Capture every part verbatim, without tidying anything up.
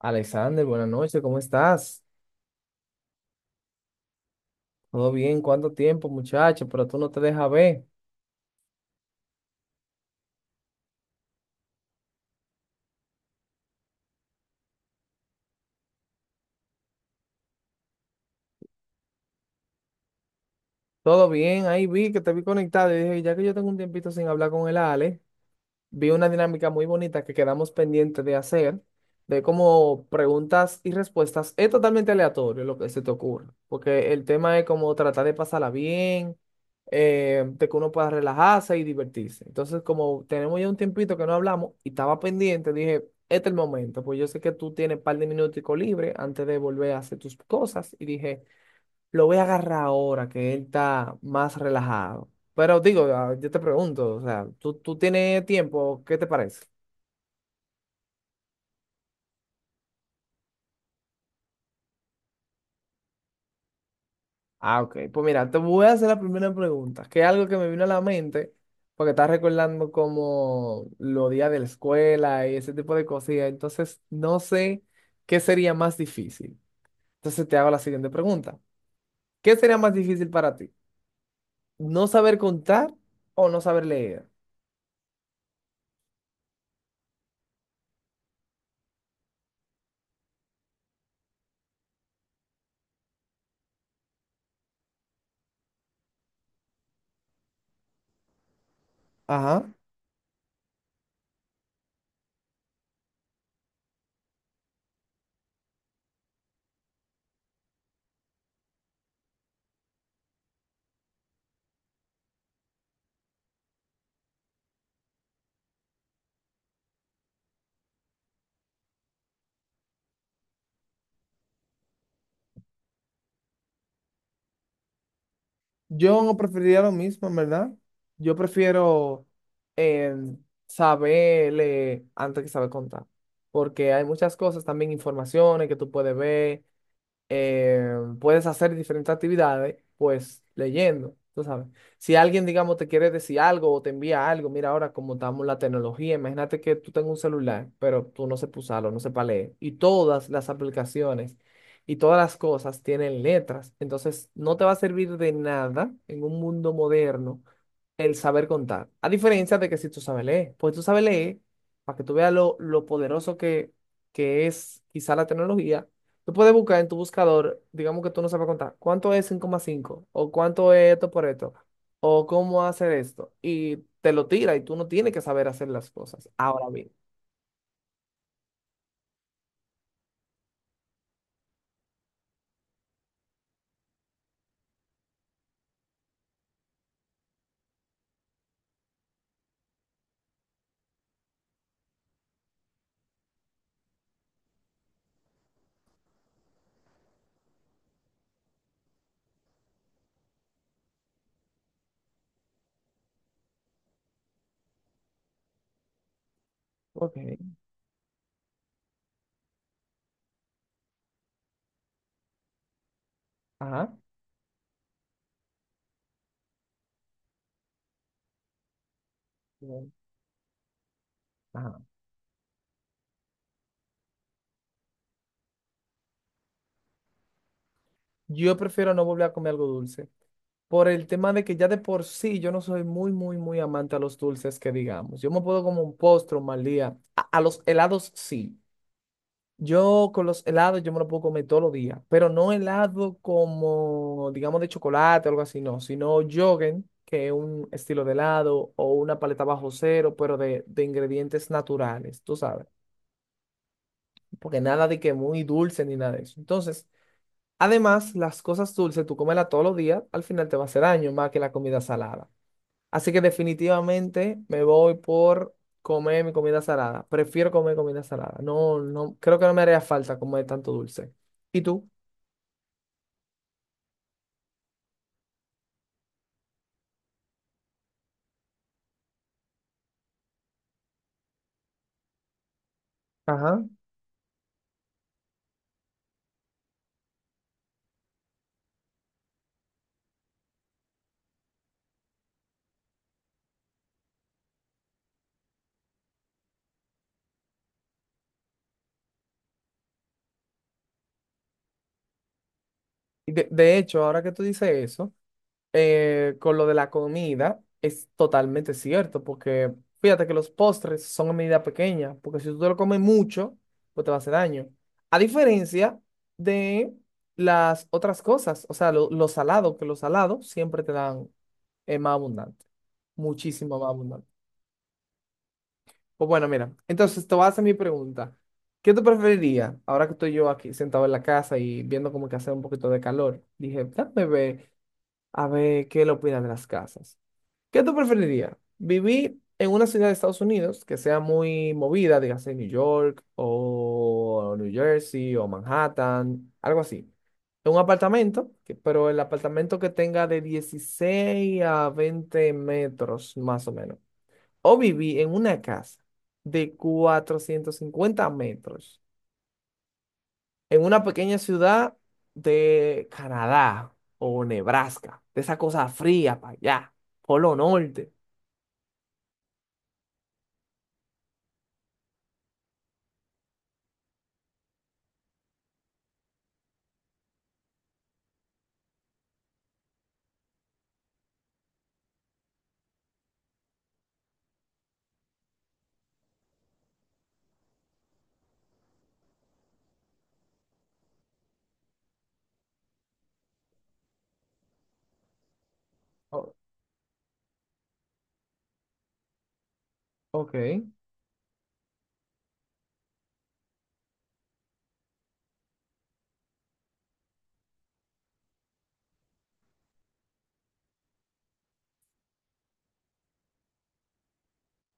Alexander, buenas noches, ¿cómo estás? ¿Todo bien? ¿Cuánto tiempo, muchacho? Pero tú no te dejas ver. Todo bien, ahí vi que te vi conectado y dije, ya que yo tengo un tiempito sin hablar con el Ale, vi una dinámica muy bonita que quedamos pendientes de hacer, de como preguntas y respuestas. Es totalmente aleatorio lo que se te ocurra, porque el tema es como tratar de pasarla bien, eh, de que uno pueda relajarse y divertirse. Entonces, como tenemos ya un tiempito que no hablamos y estaba pendiente, dije, este es el momento, pues yo sé que tú tienes un par de minuticos libres antes de volver a hacer tus cosas y dije, lo voy a agarrar ahora que él está más relajado. Pero digo, ah, yo te pregunto, o sea, ¿tú, tú tienes tiempo? ¿Qué te parece? Ah, ok. Pues mira, te voy a hacer la primera pregunta, que es algo que me vino a la mente, porque estás recordando como los días de la escuela y ese tipo de cosillas. Entonces, no sé qué sería más difícil. Entonces, te hago la siguiente pregunta. ¿Qué sería más difícil para ti? ¿No saber contar o no saber leer? Ajá. Yo preferiría lo mismo, en verdad. Yo prefiero eh, saber leer antes que saber contar, porque hay muchas cosas, también informaciones que tú puedes ver, eh, puedes hacer diferentes actividades, pues leyendo, tú sabes. Si alguien, digamos, te quiere decir algo o te envía algo, mira ahora cómo estamos la tecnología, imagínate que tú tengas un celular, pero tú no sepas usarlo, no sepas leer. Y todas las aplicaciones y todas las cosas tienen letras, entonces no te va a servir de nada en un mundo moderno el saber contar. A diferencia de que si tú sabes leer, pues tú sabes leer, para que tú veas lo, lo poderoso que, que es quizá la tecnología, tú puedes buscar en tu buscador, digamos que tú no sabes contar, ¿cuánto es cinco más cinco? ¿O cuánto es esto por esto? ¿O cómo hacer esto? Y te lo tira y tú no tienes que saber hacer las cosas. Ahora bien. Ok. Ajá. Bien. Ajá. Yo prefiero no volver a comer algo dulce. Por el tema de que ya de por sí yo no soy muy, muy, muy amante a los dulces que digamos. Yo me puedo como un postre, un mal día. A, a los helados sí. Yo con los helados yo me lo puedo comer todos los días, pero no helado como, digamos, de chocolate o algo así, no, sino Yogen, que es un estilo de helado o una paleta bajo cero, pero de, de ingredientes naturales, tú sabes, porque nada de que muy dulce ni nada de eso. Entonces, además, las cosas dulces, tú cómela todos los días, al final te va a hacer daño más que la comida salada. Así que definitivamente me voy por comer mi comida salada. Prefiero comer comida salada. No, no, creo que no me haría falta comer tanto dulce. ¿Y tú? Ajá. Y De, de hecho, ahora que tú dices eso, eh, con lo de la comida, es totalmente cierto, porque fíjate que los postres son a medida pequeña, porque si tú te lo comes mucho, pues te va a hacer daño. A diferencia de las otras cosas, o sea, lo, lo salado, que lo salado siempre te dan eh, más abundante, muchísimo más abundante. Pues bueno, mira, entonces te voy a hacer mi pregunta. ¿Qué tú preferirías ahora que estoy yo aquí sentado en la casa y viendo como que hace un poquito de calor? Dije, déjame ver, a ver qué le opinan de las casas. ¿Qué tú preferirías? ¿Vivir en una ciudad de Estados Unidos que sea muy movida, dígase New York o New Jersey o Manhattan, algo así? En un apartamento, que- pero el apartamento que tenga de dieciséis a veinte metros más o menos. O vivir en una casa de cuatrocientos cincuenta metros en una pequeña ciudad de Canadá o Nebraska, de esa cosa fría para allá, Polo Norte. O- ok.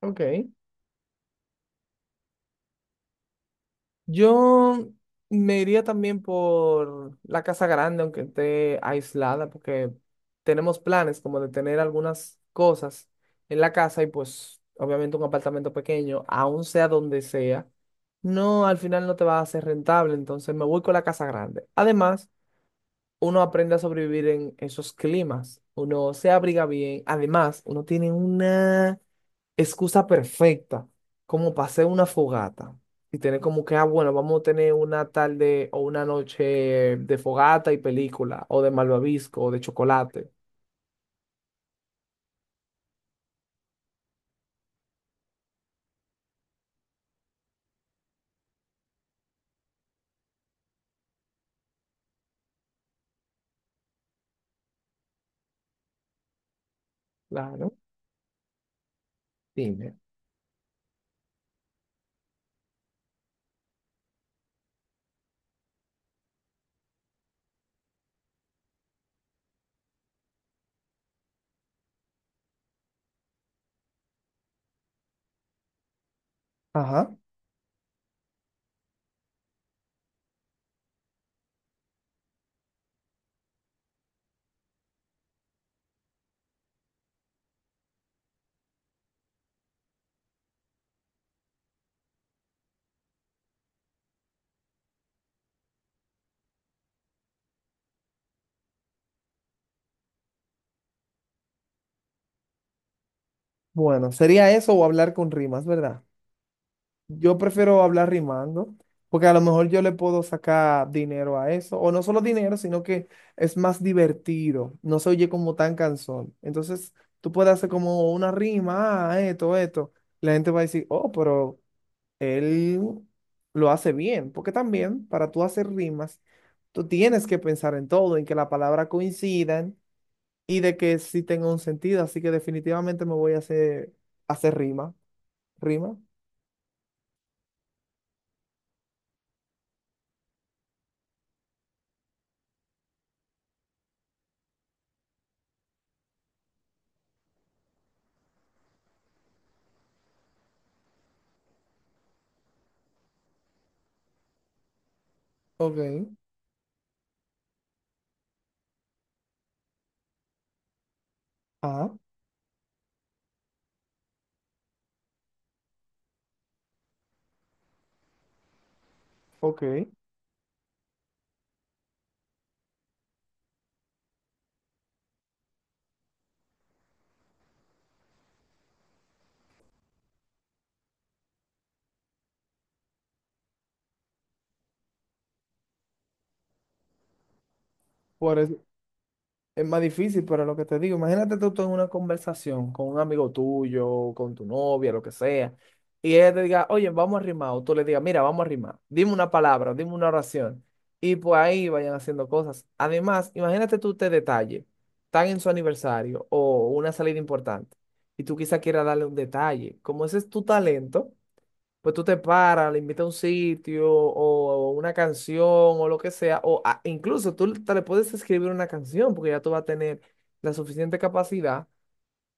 Ok. Yo me iría también por la casa grande, aunque esté aislada, porque tenemos planes como de tener algunas cosas en la casa y pues obviamente un apartamento pequeño, aun sea donde sea, no, al final no te va a ser rentable, entonces me voy con la casa grande. Además, uno aprende a sobrevivir en esos climas, uno se abriga bien, además, uno tiene una excusa perfecta como para hacer una fogata y tener como que, ah, bueno, vamos a tener una tarde o una noche de fogata y película o de malvavisco o de chocolate. Claro, dime. Ajá. Bueno, sería eso o hablar con rimas, ¿verdad? Yo prefiero hablar rimando, porque a lo mejor yo le puedo sacar dinero a eso, o no solo dinero, sino que es más divertido, no se oye como tan cansón. Entonces, tú puedes hacer como una rima, ah, esto, esto. La gente va a decir, oh, pero él lo hace bien, porque también para tú hacer rimas, tú tienes que pensar en todo, en que las palabras coincidan y de que sí tenga un sentido, así que definitivamente me voy a hacer, hacer rima. ¿Rima? Ok. Ajá. Ok, por eso es más difícil, pero lo que te digo, imagínate tú, tú en una conversación con un amigo tuyo, con tu novia, lo que sea, y ella te diga, oye, vamos a rimar, o tú le digas, mira, vamos a rimar, dime una palabra, dime una oración, y pues ahí vayan haciendo cosas. Además, imagínate tú este detalle, están en su aniversario o una salida importante, y tú quizás quieras darle un detalle, como ese es tu talento. Pues tú te paras, le invitas a un sitio o, o una canción o lo que sea, o a- incluso tú te le puedes escribir una canción porque ya tú vas a tener la suficiente capacidad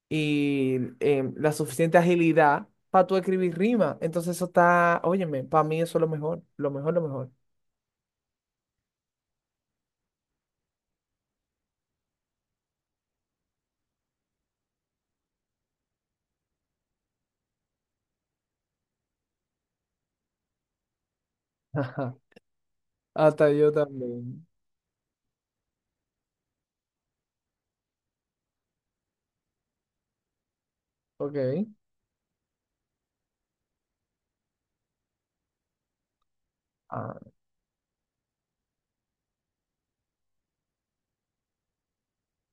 y eh, la suficiente agilidad para tú escribir rima. Entonces eso está, óyeme, para mí eso es lo mejor, lo mejor, lo mejor. Ajá. Hasta yo también. Ok. Ah,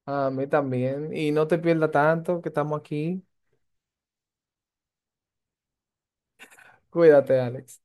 a mí también. Y no te pierdas tanto que estamos aquí. Cuídate, Alex.